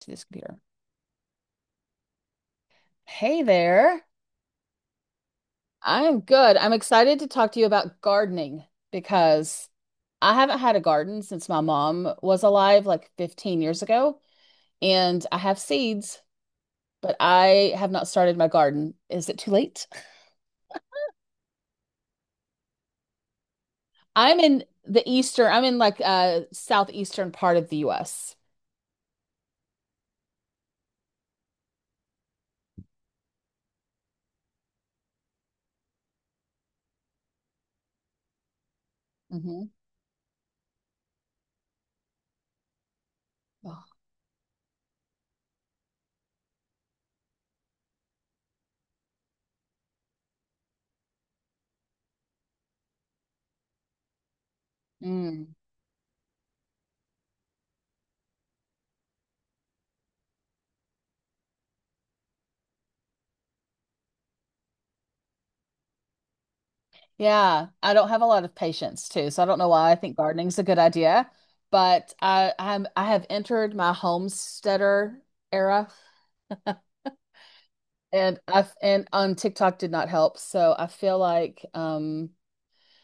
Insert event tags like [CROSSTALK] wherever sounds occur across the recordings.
To this computer. Hey there. I'm good. I'm excited to talk to you about gardening because I haven't had a garden since my mom was alive, like 15 years ago, and I have seeds, but I have not started my garden. Is it too late? I'm in the eastern, I'm in like southeastern part of the US. Mm-hmm. Yeah, I don't have a lot of patience too, so I don't know why I think gardening's a good idea, but I have entered my homesteader era [LAUGHS] and on TikTok did not help, so I feel like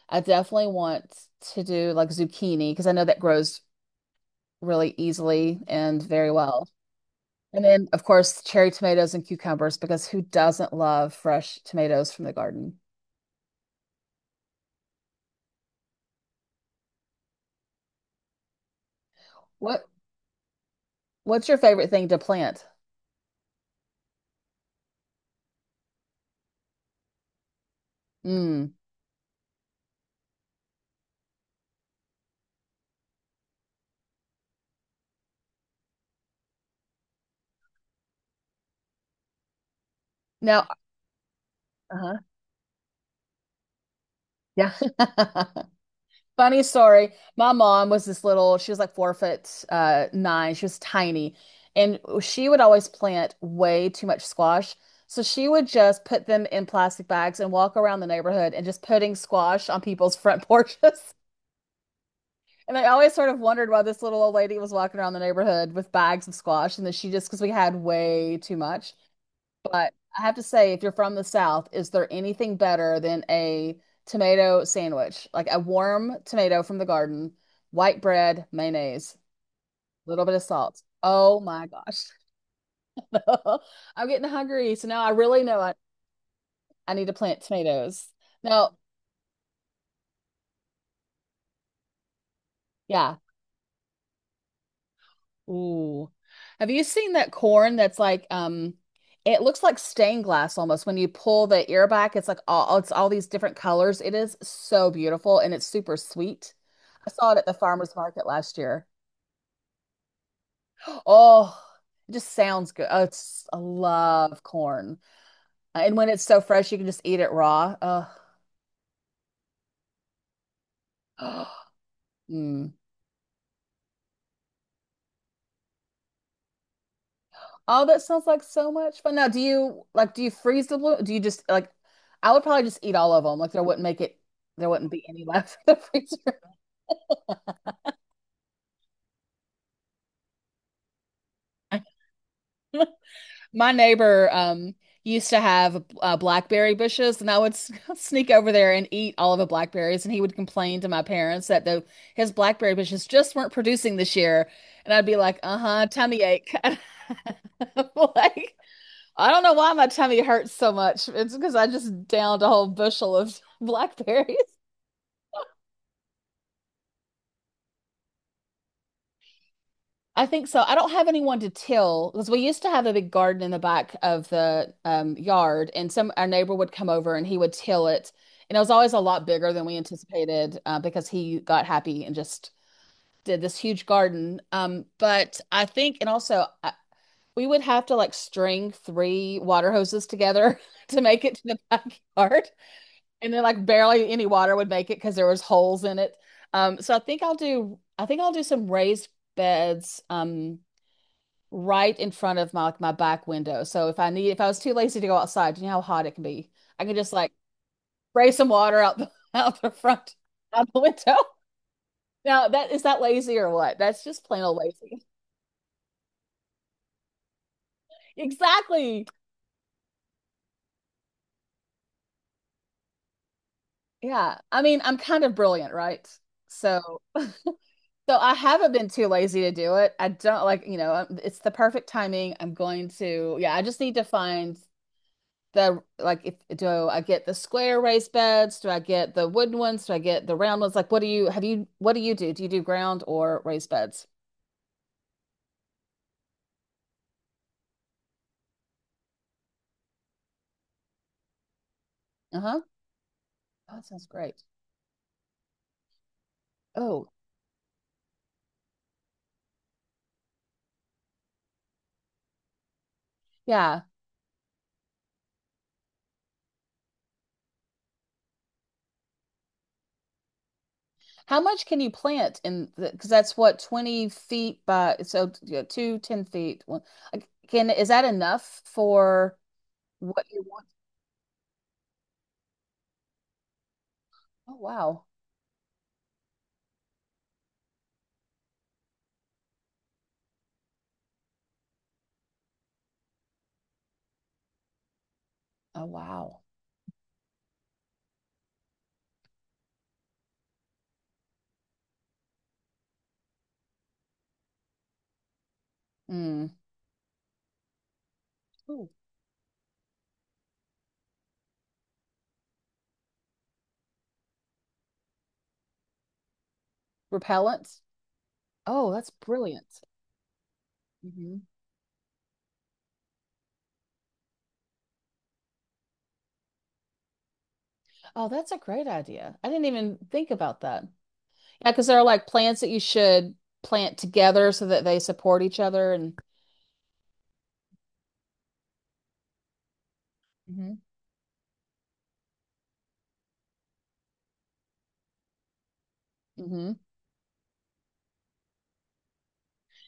I definitely want to do like zucchini because I know that grows really easily and very well. And then of course cherry tomatoes and cucumbers because who doesn't love fresh tomatoes from the garden? What what's your favorite thing to plant? Mm. Now, uh-huh. Yeah. [LAUGHS] Funny story. My mom was this little, she was like 4 foot nine. She was tiny. And she would always plant way too much squash. So she would just put them in plastic bags and walk around the neighborhood and just putting squash on people's front porches. [LAUGHS] And I always sort of wondered why this little old lady was walking around the neighborhood with bags of squash. And then she just, because we had way too much. But I have to say, if you're from the South, is there anything better than a tomato sandwich? Like a warm tomato from the garden, white bread, mayonnaise, a little bit of salt. Oh my gosh. [LAUGHS] I'm getting hungry. So now I really know I need to plant tomatoes. Now, yeah, ooh. Have you seen that corn that's like it looks like stained glass almost when you pull the ear back it's like all it's all these different colors. It is so beautiful and it's super sweet. I saw it at the farmer's market last year. [GASPS] Oh, it just sounds good. Oh, it's I love corn. And when it's so fresh you can just eat it raw. Oh. [GASPS] Mm. Oh, that sounds like so much fun. Now, do you like do you freeze the blue? Do you just like I would probably just eat all of them. Like there wouldn't make it there wouldn't be any left [LAUGHS] in the freezer. My neighbor used to have blackberry bushes and I would [LAUGHS] sneak over there and eat all of the blackberries and he would complain to my parents that the his blackberry bushes just weren't producing this year and I'd be like, "Uh-huh, tummy ache." [LAUGHS] I'm like I don't know why my tummy hurts so much. It's because I just downed a whole bushel of [LAUGHS] blackberries. I think so. I don't have anyone to till because we used to have a big garden in the back of the yard, and some our neighbor would come over and he would till it, and it was always a lot bigger than we anticipated because he got happy and just did this huge garden. But I think, and also I, we would have to like string 3 water hoses together [LAUGHS] to make it to the backyard, and then like barely any water would make it because there was holes in it. So I think I'll do. I think I'll do some raised beds. Right in front of my like my back window. So if I need if I was too lazy to go outside, you know how hot it can be. I can just like spray some water out the [LAUGHS] out the front out the window. [LAUGHS] Now that is that lazy or what? That's just plain old lazy. [LAUGHS] Exactly. Yeah. I mean, I'm kind of brilliant, right? So so I haven't been too lazy to do it. I don't like, you know, it's the perfect timing. I'm going to, yeah, I just need to find the like if do I get the square raised beds? Do I get the wooden ones? Do I get the round ones? Like what do you have you what do you do? Do you do ground or raised beds? Uh-huh. Oh, that sounds great. Oh, yeah. How much can you plant in the because that's what 20 feet by so yeah, two, 10 feet. One like, can is that enough for what you want? Oh wow. Oh wow. Mm. Ooh. Repellent. Oh, that's brilliant. Mhm. Oh, that's a great idea. I didn't even think about that. Yeah, because there are like plants that you should plant together so that they support each other and hmm hmm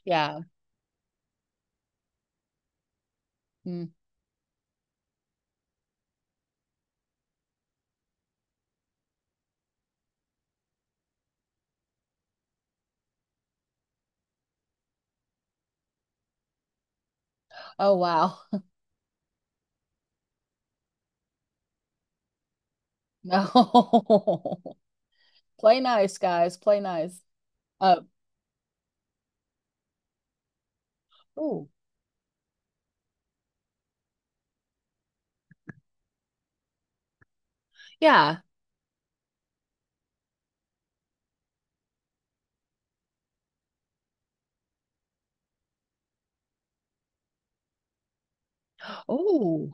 yeah. Mm. Oh wow. [LAUGHS] No. [LAUGHS] Play nice, guys. Play nice. Uh, Oh, yeah. Oh,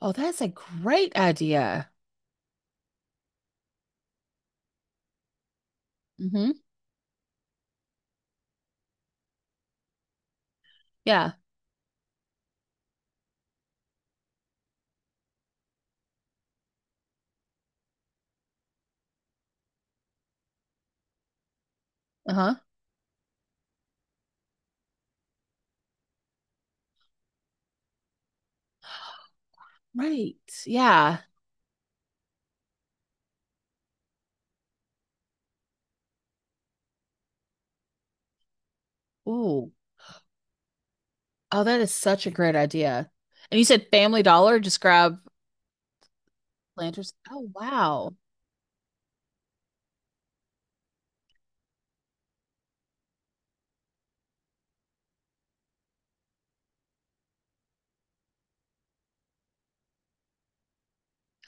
oh, that's a great idea. Hmm. Yeah. Uh-huh. Right. Yeah. Oh, oh, that is such a great idea. And you said Family Dollar, just grab planters. Oh, wow.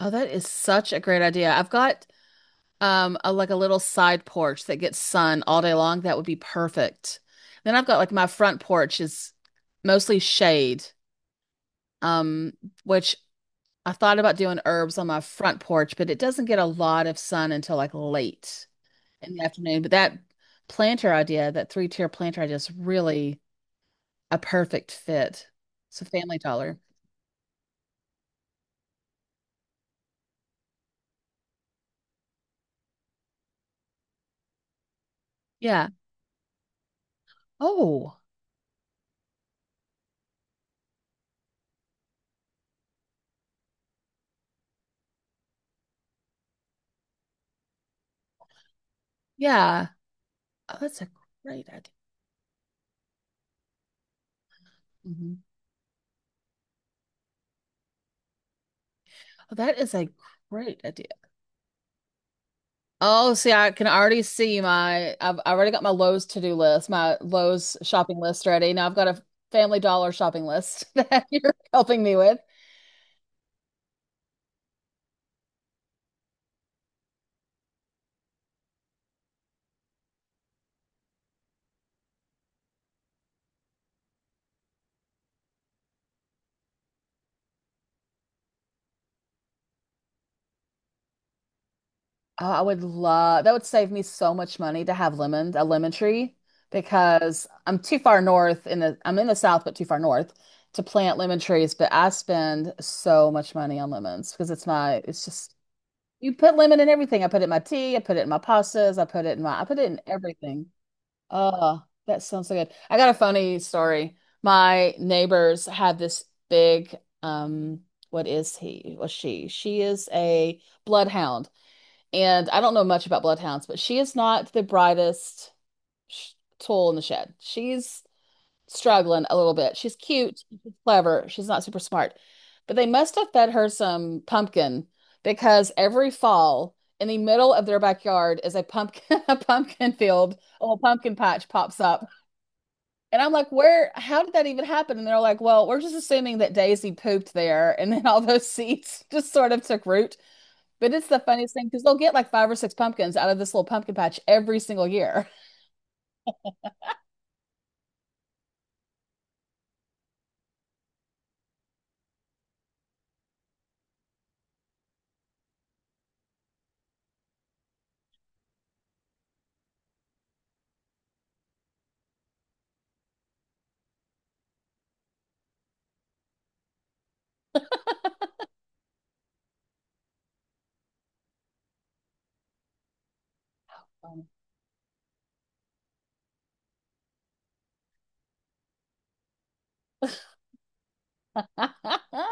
Oh, that is such a great idea. I've got a, like a little side porch that gets sun all day long that would be perfect, then I've got like my front porch is mostly shade, um which I thought about doing herbs on my front porch but it doesn't get a lot of sun until like late in the afternoon but that planter idea, that three-tier planter idea, is really a perfect fit. It's a family dollar. Yeah. Oh yeah. Oh, that's a great idea. Mhm. Oh, that is a great idea. Oh, see, I can already see my, I already got my Lowe's to-do list, my Lowe's shopping list ready. Now I've got a Family Dollar shopping list [LAUGHS] that you're helping me with. Oh, I would love, that would save me so much money to have lemon, a lemon tree, because I'm too far north in the, I'm in the south, but too far north to plant lemon trees. But I spend so much money on lemons because it's my, it's just, you put lemon in everything. I put it in my tea, I put it in my pastas, I put it in my, I put it in everything. Oh, that sounds so good. I got a funny story. My neighbors have this big, um, what is he? Well, she. She is a bloodhound. And I don't know much about bloodhounds, but she is not the brightest sh tool in the shed. She's struggling a little bit. She's cute, she's clever, she's not super smart. But they must have fed her some pumpkin because every fall in the middle of their backyard is a pumpkin, [LAUGHS] a pumpkin field, a little pumpkin patch pops up. And I'm like, where, how did that even happen? And they're like, well, we're just assuming that Daisy pooped there [LAUGHS] and then all those seeds just sort of took root. But it's the funniest thing because they'll get like five or six pumpkins out of this little pumpkin patch every single year. [LAUGHS]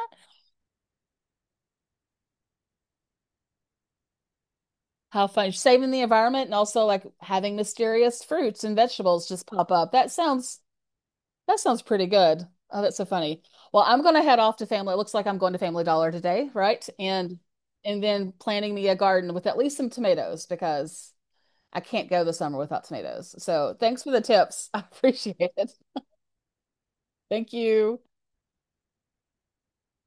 How fun. Saving the environment and also like having mysterious fruits and vegetables just pop up. That sounds pretty good. Oh, that's so funny. Well, I'm going to head off to family. It looks like I'm going to Family Dollar today, right? And then planting me a garden with at least some tomatoes because I can't go the summer without tomatoes. So thanks for the tips. [LAUGHS] I appreciate it. Thank you.